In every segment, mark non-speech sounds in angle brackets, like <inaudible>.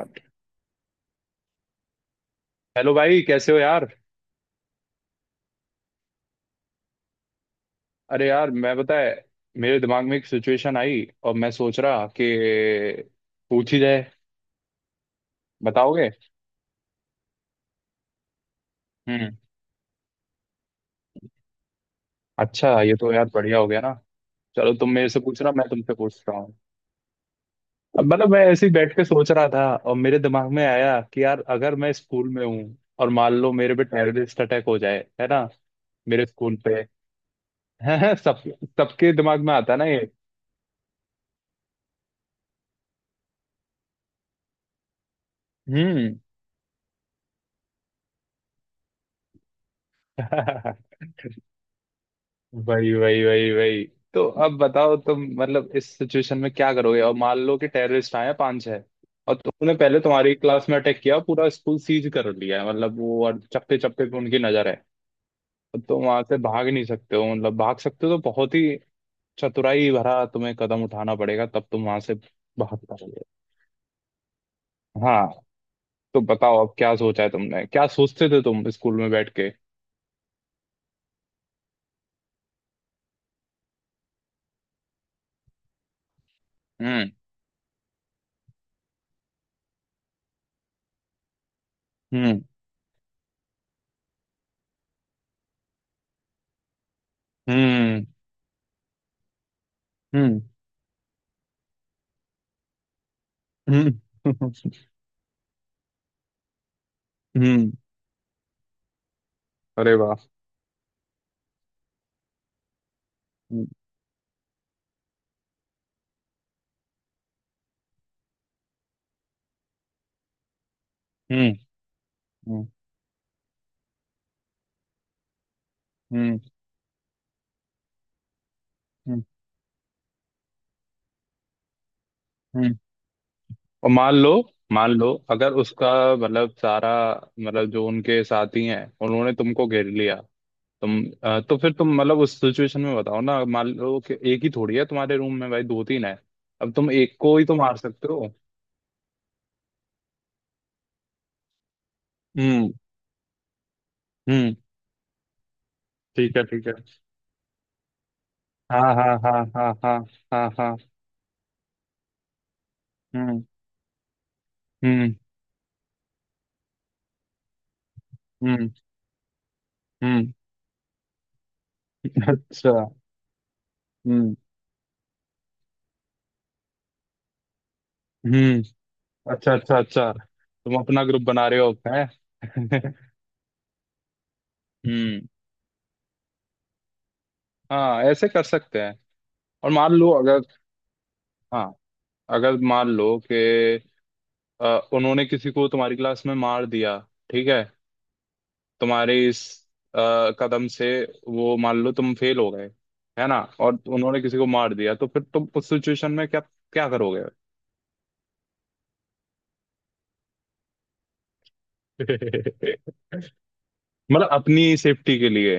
Hello. भाई कैसे हो यार? अरे यार, मैं बताए, मेरे दिमाग में एक सिचुएशन आई और मैं सोच रहा कि पूछ ही जाए। बताओगे? हम्म। अच्छा, ये तो यार बढ़िया हो गया ना। चलो, तुम मेरे से पूछ रहा, मैं तुमसे पूछ रहा हूँ। अब मतलब मैं ऐसे ही बैठ के सोच रहा था और मेरे दिमाग में आया कि यार, अगर मैं स्कूल में हूँ और मान लो मेरे पे टेररिस्ट अटैक हो जाए, है ना? मेरे स्कूल पे। <laughs> सब सबके दिमाग में आता है ना ये। हम्म। <laughs> वही वही वही वही। तो अब बताओ तुम, मतलब इस सिचुएशन में क्या करोगे, और मान लो कि टेररिस्ट आए हैं पांच छह। और तुमने पहले तुम्हारी क्लास में अटैक किया, पूरा स्कूल सीज कर लिया है मतलब वो, और चप्पे चप्पे पे उनकी नजर है। और तुम वहां से भाग नहीं सकते हो, मतलब भाग सकते हो तो बहुत ही चतुराई भरा तुम्हें कदम उठाना पड़ेगा, तब तुम वहां से भाग पाओगे। हाँ। तो बताओ, अब क्या सोचा है तुमने, क्या सोचते थे तुम स्कूल में बैठ के। हम्म। हम्म। हम्म। हम्म। हम्म। <laughs> हम्म। अरे वाह। हम्म। हम्म। हम्म। हम्म। हम्म। और मान लो अगर उसका मतलब सारा, मतलब जो उनके साथी हैं उन्होंने तुमको घेर लिया। तुम तो फिर तुम मतलब उस सिचुएशन में बताओ ना, मान लो कि एक ही थोड़ी है तुम्हारे रूम में भाई, दो तीन है। अब तुम एक को ही तो मार सकते हो। हम्म। हम्म। ठीक है, ठीक है। हाँ, हाँ, हाँ, हाँ, हाँ, हाँ, हाँ। हम्म। हम्म। हम्म। हम्म। अच्छा। हम्म। हम्म। अच्छा, अच्छा, अच्छा, तुम अपना ग्रुप बना रहे हो, हैं? <laughs> हम्म। हाँ, ऐसे कर सकते हैं। और मान लो अगर, हाँ, अगर मान लो कि अ, उन्होंने किसी को तुम्हारी क्लास में मार दिया, ठीक है। तुम्हारे इस अ, कदम से, वो मान लो तुम फेल हो गए, है ना? और उन्होंने किसी को मार दिया, तो फिर तुम उस सिचुएशन में क्या क्या करोगे? <laughs> मतलब अपनी सेफ्टी के लिए।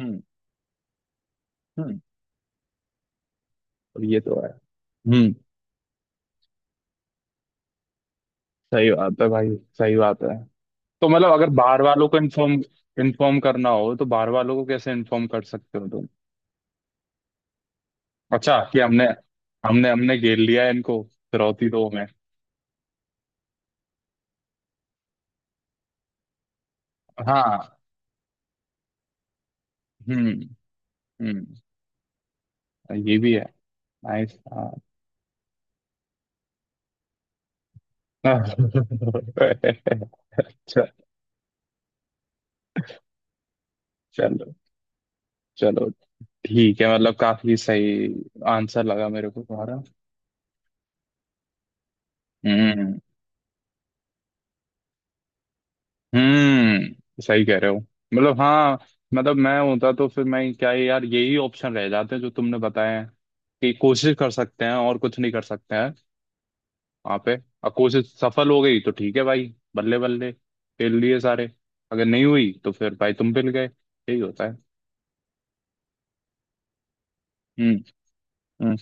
हम्म। हम्म। और ये तो है। हम्म। सही बात है भाई। सही बात है। तो मतलब अगर बाहर वालों को इन्फॉर्म इन्फॉर्म करना हो तो बाहर वालों को कैसे इन्फॉर्म कर सकते हो तुम? अच्छा कि हमने, हमने घेर लिया है इनको, फिरौती दो में। हाँ। हम्म। हम्म। ये भी है। नाइस। हाँ। <laughs> अच्छा। चलो, चलो ठीक है, मतलब काफी सही आंसर लगा मेरे को तुम्हारा। हम्म। हम्म, सही कह रहे हो। मतलब हाँ, मतलब मैं होता तो फिर मैं क्या है यार, यही ऑप्शन रह जाते हैं जो तुमने बताए हैं कि कोशिश कर सकते हैं और कुछ नहीं कर सकते हैं। वहां पे। और कोशिश सफल हो गई तो ठीक है भाई, बल्ले बल्ले, पेल लिए सारे। अगर नहीं हुई तो फिर भाई तुम पेल गए, यही होता है। हम्म। हम्म।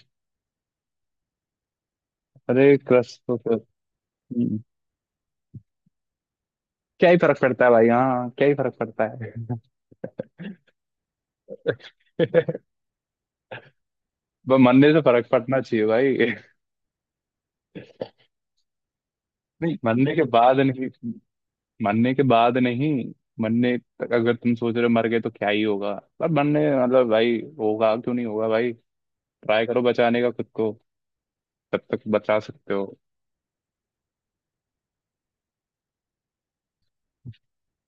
अरे क्रश तो फिर। हम्म। क्या ही फर्क पड़ता है भाई, हाँ, क्या ही फर्क पड़ता है। <laughs> मरने से फर्क पड़ना चाहिए भाई। नहीं, मरने के बाद नहीं, मरने के बाद नहीं। मरने तक अगर तुम सोच रहे हो, मर गए तो क्या ही होगा। पर मरने मतलब भाई, होगा क्यों नहीं, होगा भाई। ट्राई करो बचाने का खुद को, जब तक बचा सकते हो।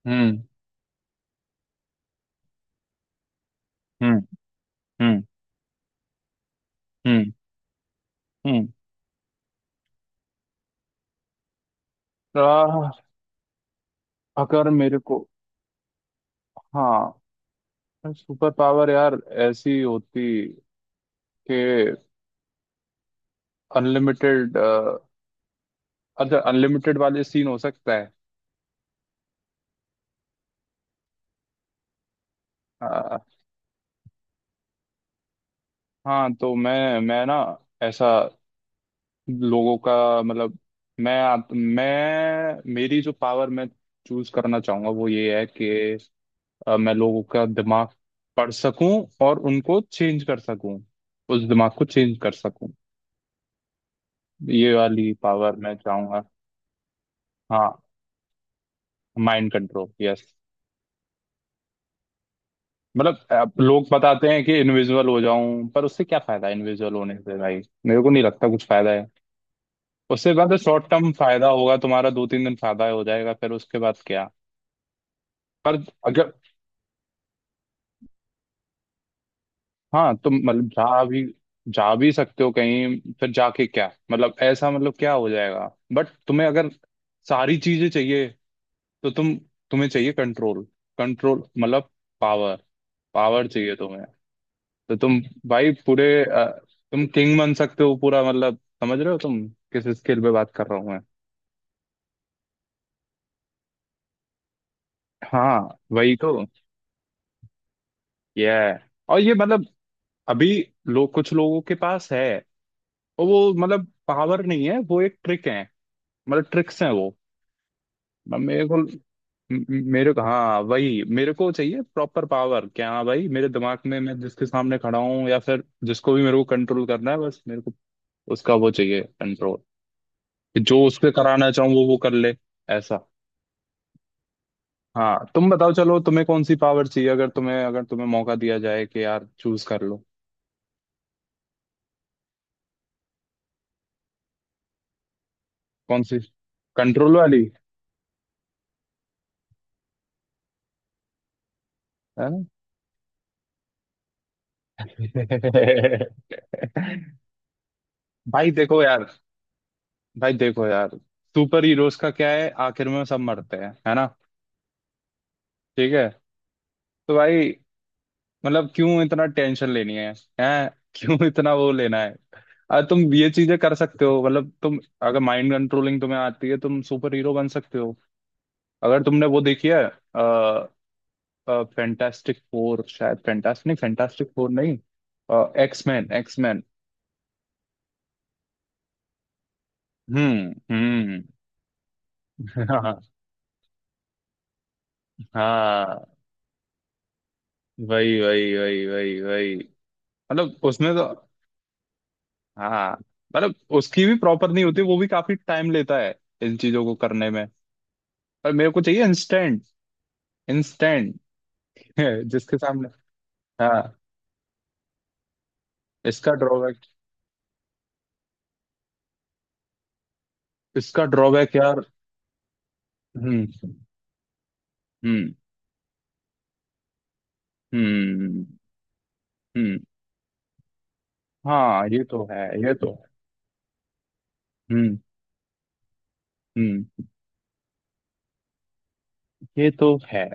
हम्म। हम्म। हम्म। हम्म। हम्म। आह, अगर मेरे को, हाँ, सुपर पावर यार ऐसी होती कि, अनलिमिटेड, अच्छा अनलिमिटेड वाले सीन हो सकता है। आह, हाँ तो मैं ना, ऐसा, लोगों का मतलब, मैं मेरी जो पावर मैं चूज करना चाहूंगा वो ये है कि, मैं लोगों का दिमाग पढ़ सकूं और उनको चेंज कर सकूं, उस दिमाग को चेंज कर सकूं, ये वाली पावर मैं चाहूंगा। हाँ। Mind control. यस। मतलब अब लोग बताते हैं कि इनविजिबल हो जाऊं, पर उससे क्या फायदा है इनविजिबल होने से भाई, मेरे को नहीं लगता कुछ फायदा है। उससे बाद शॉर्ट टर्म फायदा होगा तुम्हारा, दो तीन दिन फायदा हो जाएगा, फिर उसके बाद क्या? पर अगर, हाँ, तुम मतलब जा भी सकते हो कहीं, फिर जाके क्या मतलब, ऐसा मतलब क्या हो जाएगा? बट तुम्हें अगर सारी चीजें चाहिए, तो तुम्हें चाहिए कंट्रोल, कंट्रोल मतलब पावर, पावर चाहिए तुम्हें। तो तुम भाई पूरे तुम किंग बन सकते हो पूरा मतलब, समझ रहे हो तुम किस स्केल पे बात कर रहा हूँ मैं। हाँ वही तो ये है, और ये मतलब अभी लोग, कुछ लोगों के पास है, और वो मतलब पावर नहीं है, वो एक ट्रिक है, मतलब ट्रिक्स हैं वो। म- मेरे को म- मेरे को, हाँ वही मेरे को चाहिए प्रॉपर पावर, कि हाँ भाई मेरे दिमाग में मैं जिसके सामने खड़ा हूँ या फिर जिसको भी मेरे को कंट्रोल करना है, बस मेरे को उसका वो चाहिए कंट्रोल, जो उस पे कराना चाहूँ वो कर ले, ऐसा। हाँ तुम बताओ, चलो तुम्हें कौन सी पावर चाहिए, अगर तुम्हें मौका दिया जाए कि यार चूज कर लो। कौन सी? कंट्रोल वाली? है ना? <laughs> भाई देखो यार भाई देखो यार, सुपर हीरोज का क्या है, आखिर में सब मरते हैं, है ना? ठीक है, तो भाई मतलब क्यों इतना टेंशन लेनी है, हैं? <laughs> क्यों इतना वो लेना है। अरे तुम ये चीजें कर सकते हो, मतलब तुम अगर माइंड कंट्रोलिंग तुम्हें आती है तुम सुपर हीरो बन सकते हो, अगर तुमने वो देखी है। फैंटास्टिक फोर, शायद फैंटास्टिक नहीं, फैंटास्टिक फोर नहीं, एक्समैन, एक्समैन। हम्म। हम्म। <laughs> हाँ, हाँ। वही वही वही वही वही। मतलब उसमें तो हाँ, मतलब उसकी भी प्रॉपर नहीं होती, वो भी काफी टाइम लेता है इन चीजों को करने में। पर मेरे को चाहिए इंस्टेंट, इंस्टेंट। <laughs> जिसके सामने। हाँ। इसका ड्रॉबैक, इसका ड्रॉबैक यार। हम्म। हम्म। हम्म। हम्म। हम्म। हाँ ये तो है, ये तो है। हम्म। हम्म। ये तो है।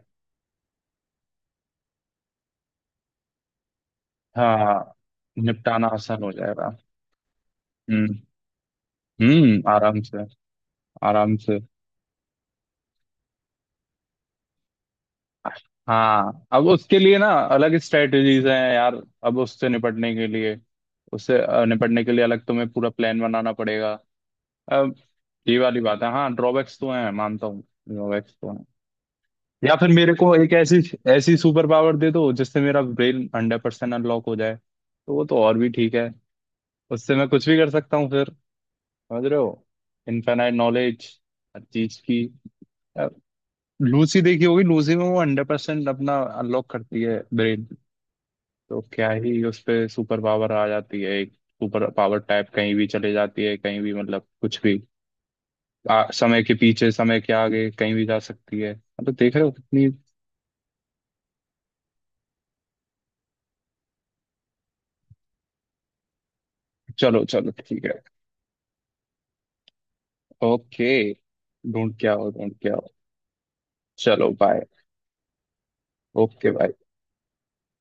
हाँ, निपटाना आसान हो जाएगा। हम्म। हम्म। आराम से, आराम से। हाँ अब उसके लिए ना अलग स्ट्रेटजीज हैं यार, अब उससे निपटने के लिए, उससे निपटने के लिए अलग तुम्हें पूरा प्लान बनाना पड़ेगा अब। ये वाली बात है, हाँ ड्रॉबैक्स तो हैं, मानता हूँ। ड्रॉबैक्स तो हैं। या फिर मेरे को एक ऐसी ऐसी सुपर पावर दे दो जिससे मेरा ब्रेन 100% अनलॉक हो जाए तो वो तो और भी ठीक है। उससे मैं कुछ भी कर सकता हूँ फिर, समझ रहे हो? इनफाइनाइट नॉलेज हर चीज की। अब लूसी देखी होगी, लूसी में वो 100% अपना अनलॉक करती है ब्रेन, तो क्या ही उस पे सुपर पावर आ जाती है, एक सुपर पावर टाइप कहीं भी चले जाती है, कहीं भी मतलब कुछ भी। समय के पीछे, समय के आगे, कहीं भी जा सकती है, हाँ, तो देख रहे हो कितनी। चलो चलो ठीक है, ओके, ढूंढ क्या हो, ढूंढ क्या हो, चलो बाय, ओके बाय।